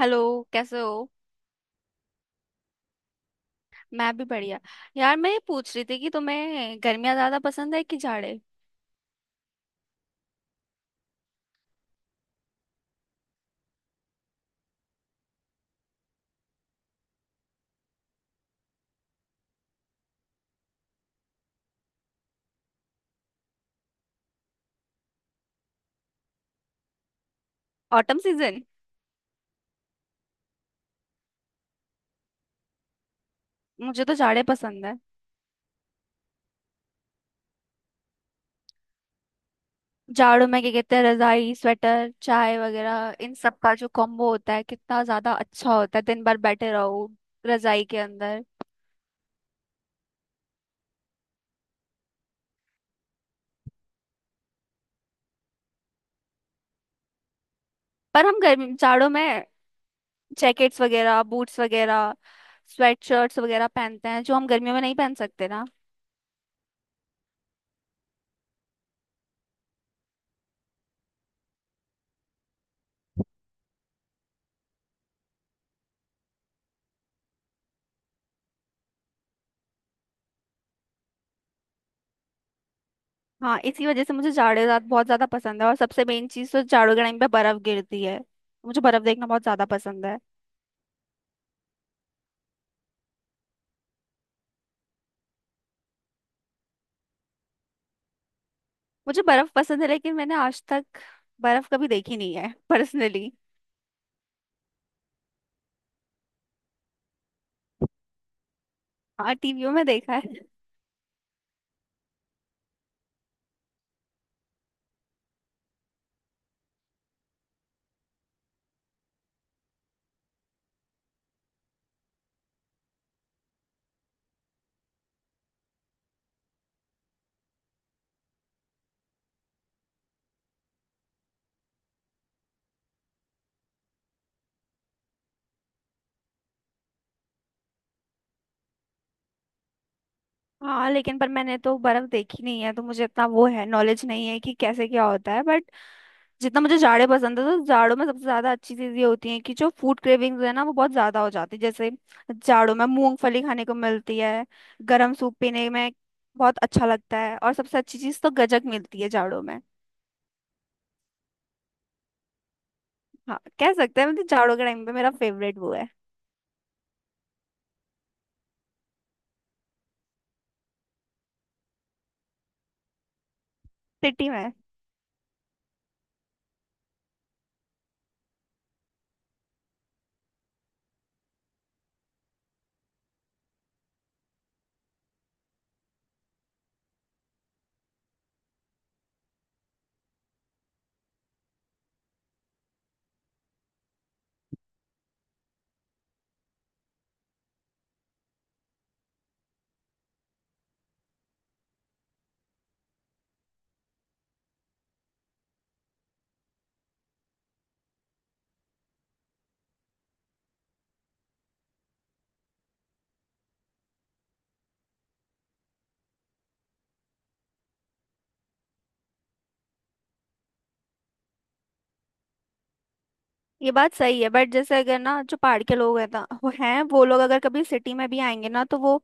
Hello. कैसे हो। मैं भी बढ़िया। यार मैं ये पूछ रही थी कि तुम्हें गर्मियाँ ज्यादा पसंद है कि जाड़े। Autumn season. मुझे तो जाड़े पसंद है। जाड़ों में क्या कहते हैं, रजाई स्वेटर चाय वगैरह इन सब का जो कॉम्बो होता है कितना ज्यादा अच्छा होता है। दिन भर बैठे रहो रजाई के अंदर। पर हम गर्मी जाड़ों में जैकेट्स वगैरह बूट्स वगैरह स्वेटशर्ट्स वगैरह पहनते हैं जो हम गर्मियों में नहीं पहन सकते ना। हाँ, इसी वजह से मुझे जाड़े रात बहुत ज्यादा पसंद है और सबसे मेन चीज तो जाड़ों के टाइम पे बर्फ गिरती है। मुझे बर्फ देखना बहुत ज्यादा पसंद है। मुझे बर्फ पसंद है लेकिन मैंने आज तक बर्फ कभी देखी नहीं है पर्सनली। हाँ, टीवियों में देखा है। हाँ लेकिन पर मैंने तो बर्फ देखी नहीं है तो मुझे इतना वो है नॉलेज नहीं है कि कैसे क्या होता है। बट जितना मुझे जाड़े पसंद है तो जाड़ों में सबसे ज्यादा अच्छी चीज ये होती है कि जो फूड क्रेविंग्स है ना वो बहुत ज्यादा हो जाती है। जैसे जाड़ों में मूंगफली खाने को मिलती है, गर्म सूप पीने में बहुत अच्छा लगता है और सबसे अच्छी चीज तो गजक मिलती है जाड़ों में। हाँ कह सकते हैं, मतलब जाड़ों के टाइम पे मेरा फेवरेट वो है। सिटी में। ये बात सही है बट जैसे अगर ना जो पहाड़ के लोग हैं ना वो लोग अगर कभी सिटी में भी आएंगे ना तो वो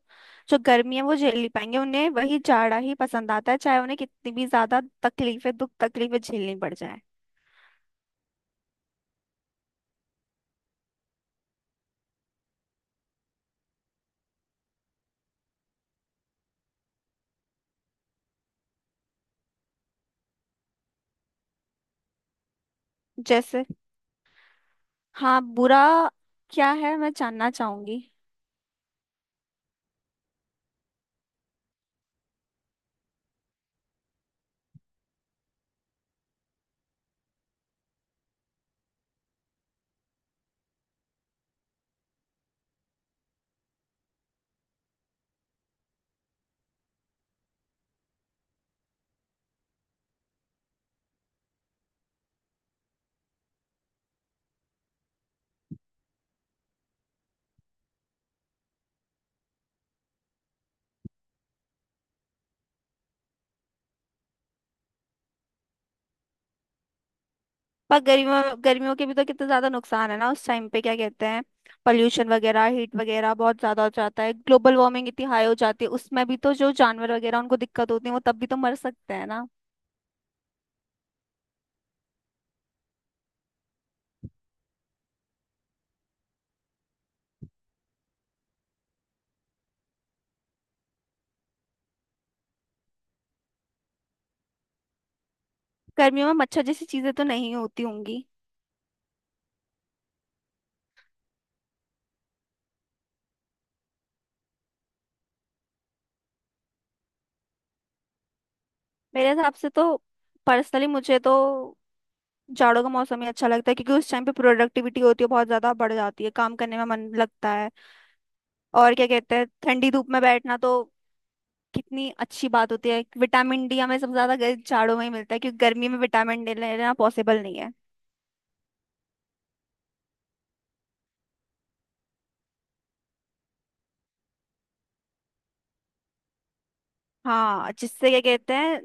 जो गर्मी है वो झेल नहीं पाएंगे, उन्हें वही जाड़ा ही पसंद आता है चाहे उन्हें कितनी भी ज्यादा तकलीफें दुख तकलीफें झेलनी पड़ जाए। जैसे। हाँ, बुरा क्या है मैं जानना चाहूंगी। पर गर्मियों गर्मियों के भी तो कितना ज्यादा नुकसान है ना, उस टाइम पे क्या कहते हैं, पॉल्यूशन वगैरह हीट वगैरह बहुत ज्यादा हो जाता है, ग्लोबल वार्मिंग इतनी हाई हो जाती है, उसमें भी तो जो जानवर वगैरह उनको दिक्कत होती है, वो तब भी तो मर सकते हैं। गर्मियों में मच्छर जैसी चीजें तो नहीं होती होंगी। मेरे हिसाब से तो पर्सनली मुझे तो जाड़ों का मौसम ही अच्छा लगता है क्योंकि उस टाइम पे प्रोडक्टिविटी होती है, बहुत ज्यादा बढ़ जाती है, काम करने में मन लगता है। और क्या कहते हैं, ठंडी धूप में बैठना तो कितनी अच्छी बात होती है। विटामिन डी हमें सबसे ज्यादा जाड़ों में ही मिलता है क्योंकि गर्मी में विटामिन डी लेना पॉसिबल नहीं है। हाँ, जिससे क्या कहते हैं,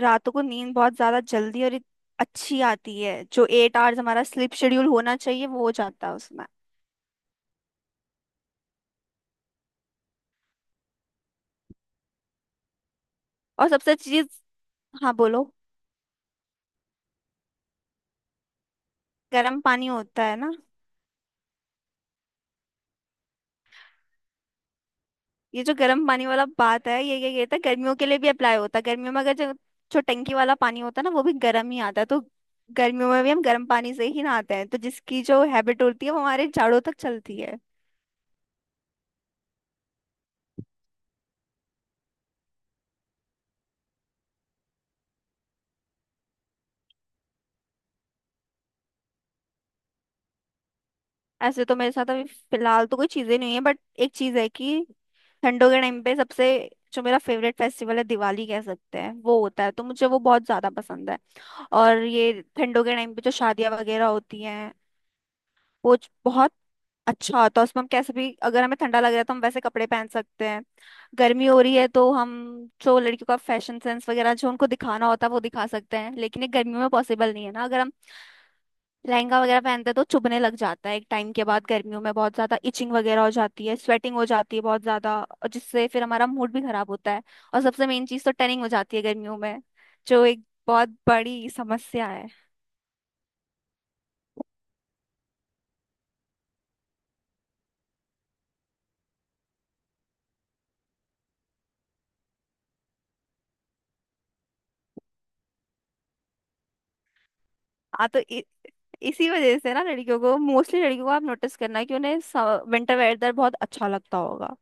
रातों को नींद बहुत ज्यादा जल्दी और अच्छी आती है, जो 8 आवर्स हमारा स्लीप शेड्यूल होना चाहिए वो हो जाता है उसमें। और सबसे अच्छी चीज। हाँ बोलो। गर्म पानी होता है ना। ये जो गर्म पानी वाला बात है ये था, गर्मियों के लिए भी अप्लाई होता है, गर्मियों में अगर जो जो टंकी वाला पानी होता है ना वो भी गर्म ही आता है, तो गर्मियों में भी हम गर्म पानी से ही नहाते हैं, तो जिसकी जो हैबिट होती है वो हमारे जाड़ों तक चलती है। ऐसे तो मेरे साथ अभी फिलहाल तो कोई चीजें नहीं है, बट एक चीज है कि ठंडों के टाइम पे सबसे जो मेरा फेवरेट फेस्टिवल है दिवाली कह सकते हैं वो होता है, तो मुझे वो बहुत ज्यादा पसंद है। और ये ठंडों के टाइम पे जो शादियां वगैरह होती हैं वो बहुत अच्छा होता है, उसमें हम कैसे भी, अगर हमें ठंडा लग रहा है तो हम वैसे कपड़े पहन सकते हैं, गर्मी हो रही है तो हम जो लड़कियों का फैशन सेंस वगैरह जो उनको दिखाना होता है वो दिखा सकते हैं, लेकिन ये गर्मियों में पॉसिबल नहीं है ना। अगर हम लहंगा वगैरह पहनते हैं तो चुभने लग जाता है एक टाइम के बाद, गर्मियों में बहुत ज्यादा इचिंग वगैरह हो जाती है, स्वेटिंग हो जाती है बहुत ज्यादा, और जिससे फिर हमारा मूड भी खराब होता है। और सबसे मेन चीज तो टनिंग हो जाती है गर्मियों में, जो एक बहुत बड़ी समस्या है। हाँ तो इसी वजह से ना लड़कियों को, मोस्टली लड़कियों को, आप नोटिस करना कि उन्हें विंटर वेदर बहुत अच्छा लगता होगा।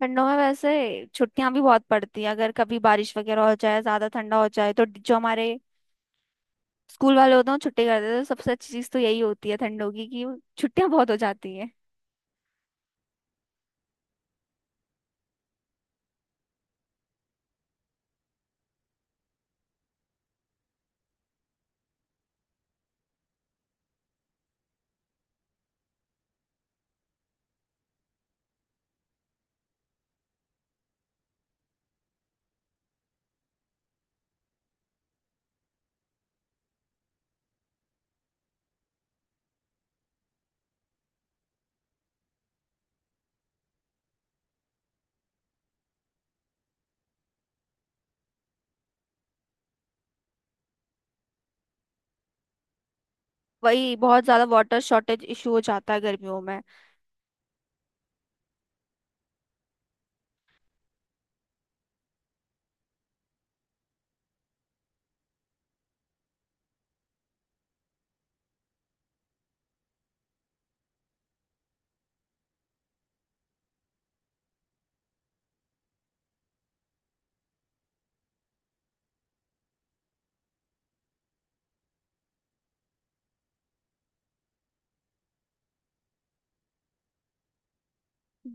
ठंडों में वैसे छुट्टियां भी बहुत पड़ती हैं, अगर कभी बारिश वगैरह हो जाए, ज्यादा ठंडा हो जाए तो जो हमारे स्कूल वाले होते हैं वो छुट्टी कर देते हैं, तो सबसे अच्छी चीज तो यही होती है ठंडों की कि छुट्टियां बहुत हो जाती हैं। वही बहुत ज्यादा वाटर शॉर्टेज इशू हो जाता है गर्मियों में।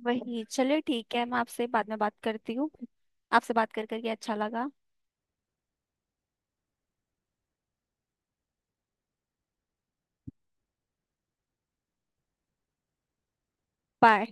वही, चलिए ठीक है, मैं आपसे बाद में बात करती हूँ। आपसे बात कर करके अच्छा लगा। बाय।